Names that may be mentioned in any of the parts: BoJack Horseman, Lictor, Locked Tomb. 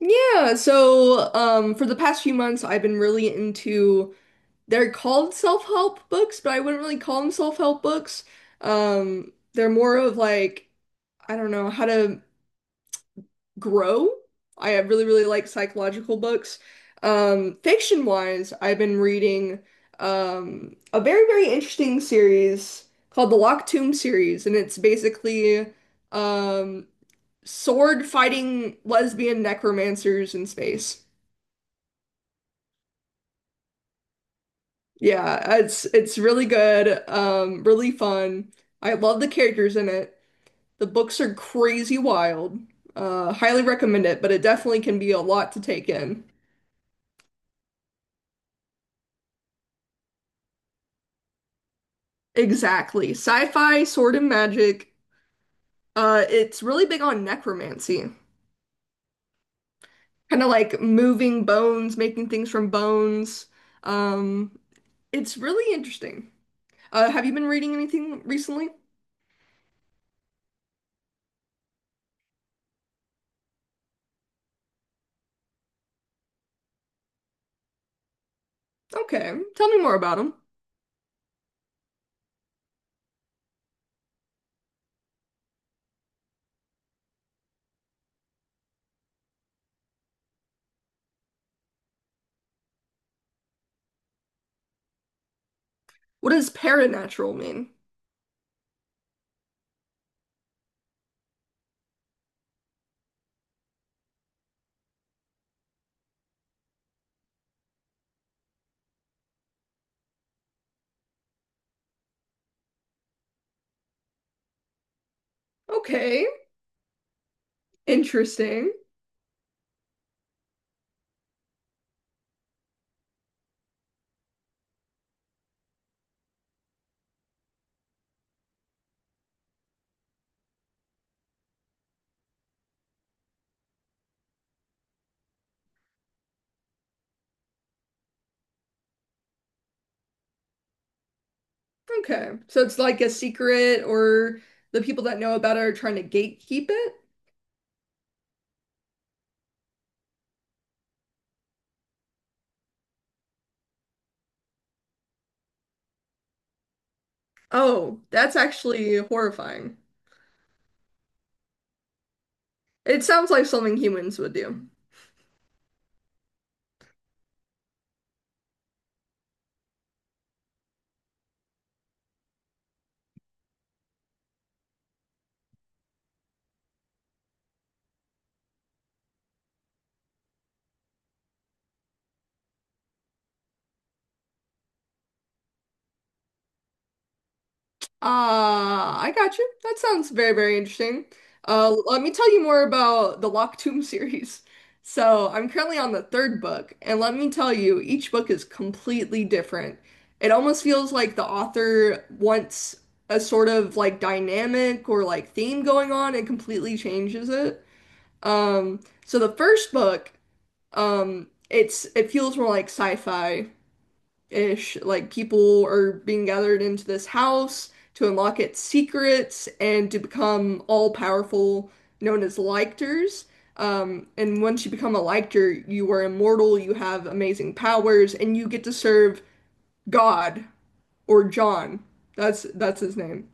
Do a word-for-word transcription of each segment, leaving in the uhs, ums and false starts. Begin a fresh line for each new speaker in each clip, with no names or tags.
Yeah, so um for the past few months I've been really into they're called self-help books, but I wouldn't really call them self-help books. Um they're more of like I don't know how to grow. I really really like psychological books. Um fiction-wise, I've been reading um a very very interesting series called the Locked Tomb series, and it's basically um sword fighting lesbian necromancers in space. Yeah, it's it's really good, um, really fun. I love the characters in it. The books are crazy wild. Uh, highly recommend it, but it definitely can be a lot to take in. Exactly. Sci-fi, sword and magic. Uh, it's really big on necromancy. Kind of like moving bones, making things from bones. Um, it's really interesting. Uh, have you been reading anything recently? Okay, tell me more about them. What does paranatural mean? Okay, interesting. Okay. So it's like a secret, or the people that know about it are trying to gatekeep it? Oh, that's actually horrifying. It sounds like something humans would do. Ah, I got you. That sounds very, very interesting. Uh, let me tell you more about the Locked Tomb series. So I'm currently on the third book, and let me tell you, each book is completely different. It almost feels like the author wants a sort of like dynamic or like theme going on and completely changes it. Um, so the first book, um, it's it feels more like sci-fi-ish. Like people are being gathered into this house to unlock its secrets and to become all-powerful, known as Lictors. Um, and once you become a Lictor, you are immortal, you have amazing powers, and you get to serve God or John. That's that's his name.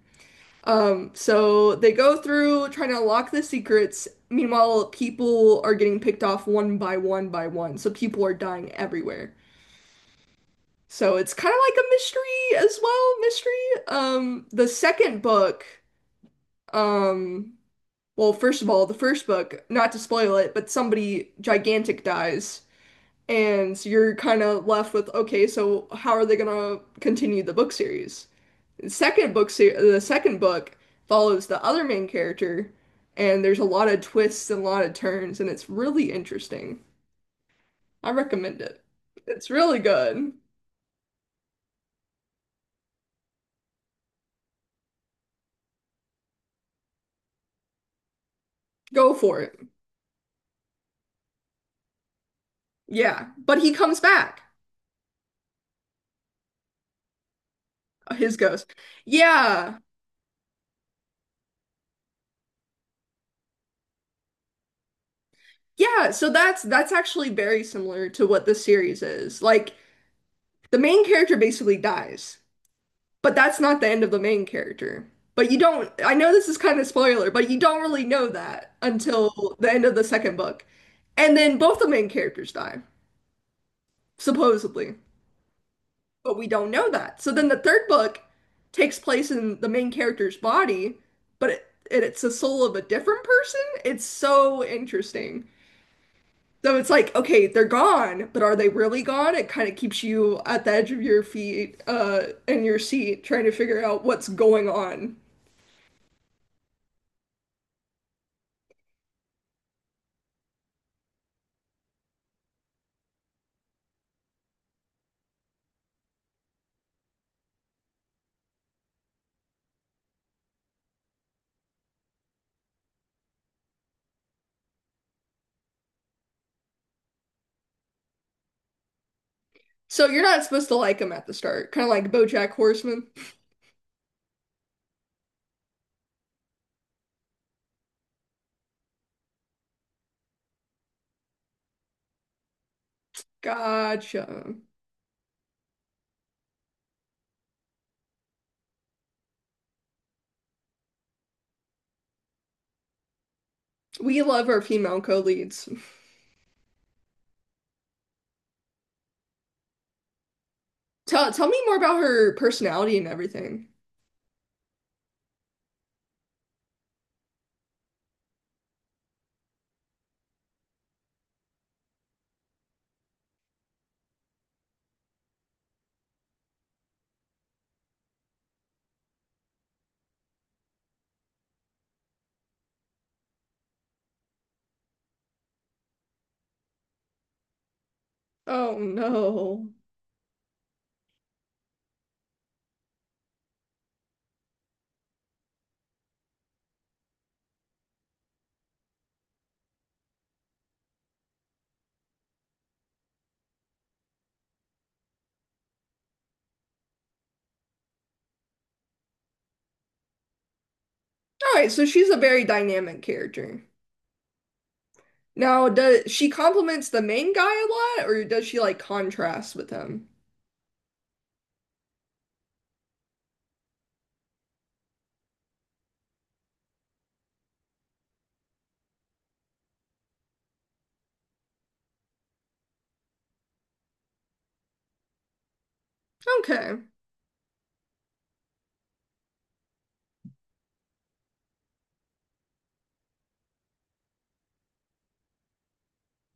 Um, so they go through trying to unlock the secrets. Meanwhile, people are getting picked off one by one by one. So people are dying everywhere. So it's kind of like a mystery as well, mystery. Um, the second book, um, well, first of all, the first book, not to spoil it, but somebody gigantic dies. And so you're kind of left with, okay, so how are they gonna continue the book series? The second book se the second book follows the other main character, and there's a lot of twists and a lot of turns, and it's really interesting. I recommend it. It's really good. Go for it. Yeah, but he comes back. His ghost. Yeah. Yeah, so that's that's actually very similar to what this series is. Like the main character basically dies. But that's not the end of the main character. But you don't, I know this is kind of spoiler, but you don't really know that until the end of the second book. And then both the main characters die, supposedly. But we don't know that. So then the third book takes place in the main character's body, but it, it- it's the soul of a different person. It's so interesting. So it's like, okay, they're gone, but are they really gone? It kind of keeps you at the edge of your feet, uh, in your seat, trying to figure out what's going on. So you're not supposed to like them at the start, kind of like BoJack Horseman. Gotcha. We love our female co-leads. Tell tell me more about her personality and everything. Oh no. All right, so she's a very dynamic character. Now, does she compliments the main guy a lot, or does she like contrast with him? Okay.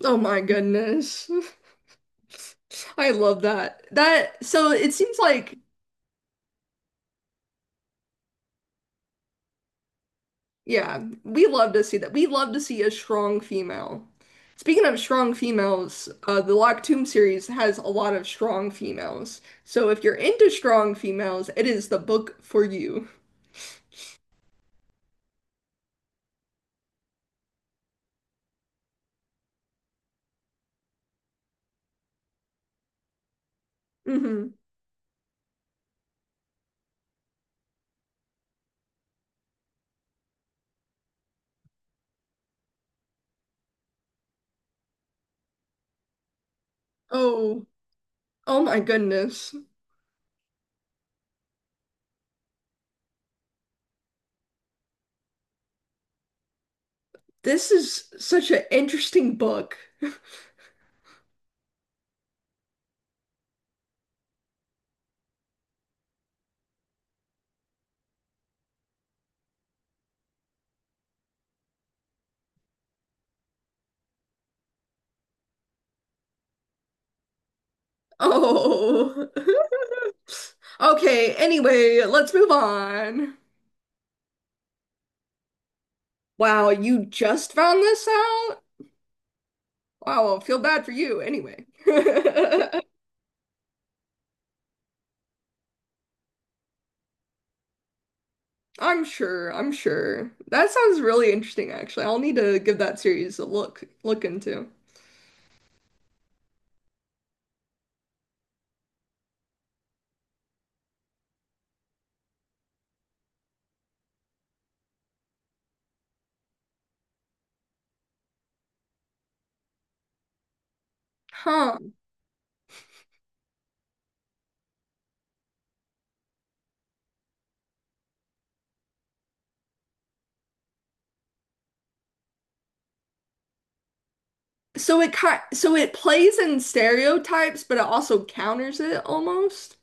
Oh my goodness. I love that. That so it seems like yeah, we love to see that. We love to see a strong female. Speaking of strong females, uh, the Locked Tomb series has a lot of strong females. So if you're into strong females, it is the book for you. Hmm. Oh, oh my goodness. This is such an interesting book. Oh. Okay, anyway, let's move on. Wow, you just found this out? Wow, I feel bad for you anyway. I'm sure, I'm sure. That sounds really interesting, actually. I'll need to give that series a look look into. Huh. So it kind so it plays in stereotypes, but it also counters it almost.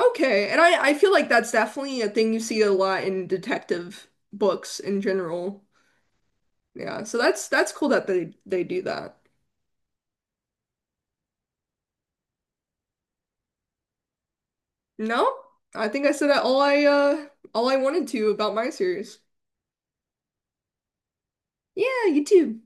Okay, and I I feel like that's definitely a thing you see a lot in detective books in general. Yeah, so that's that's cool that they they do that. No, I think I said all I uh all I wanted to about my series. Yeah, you too.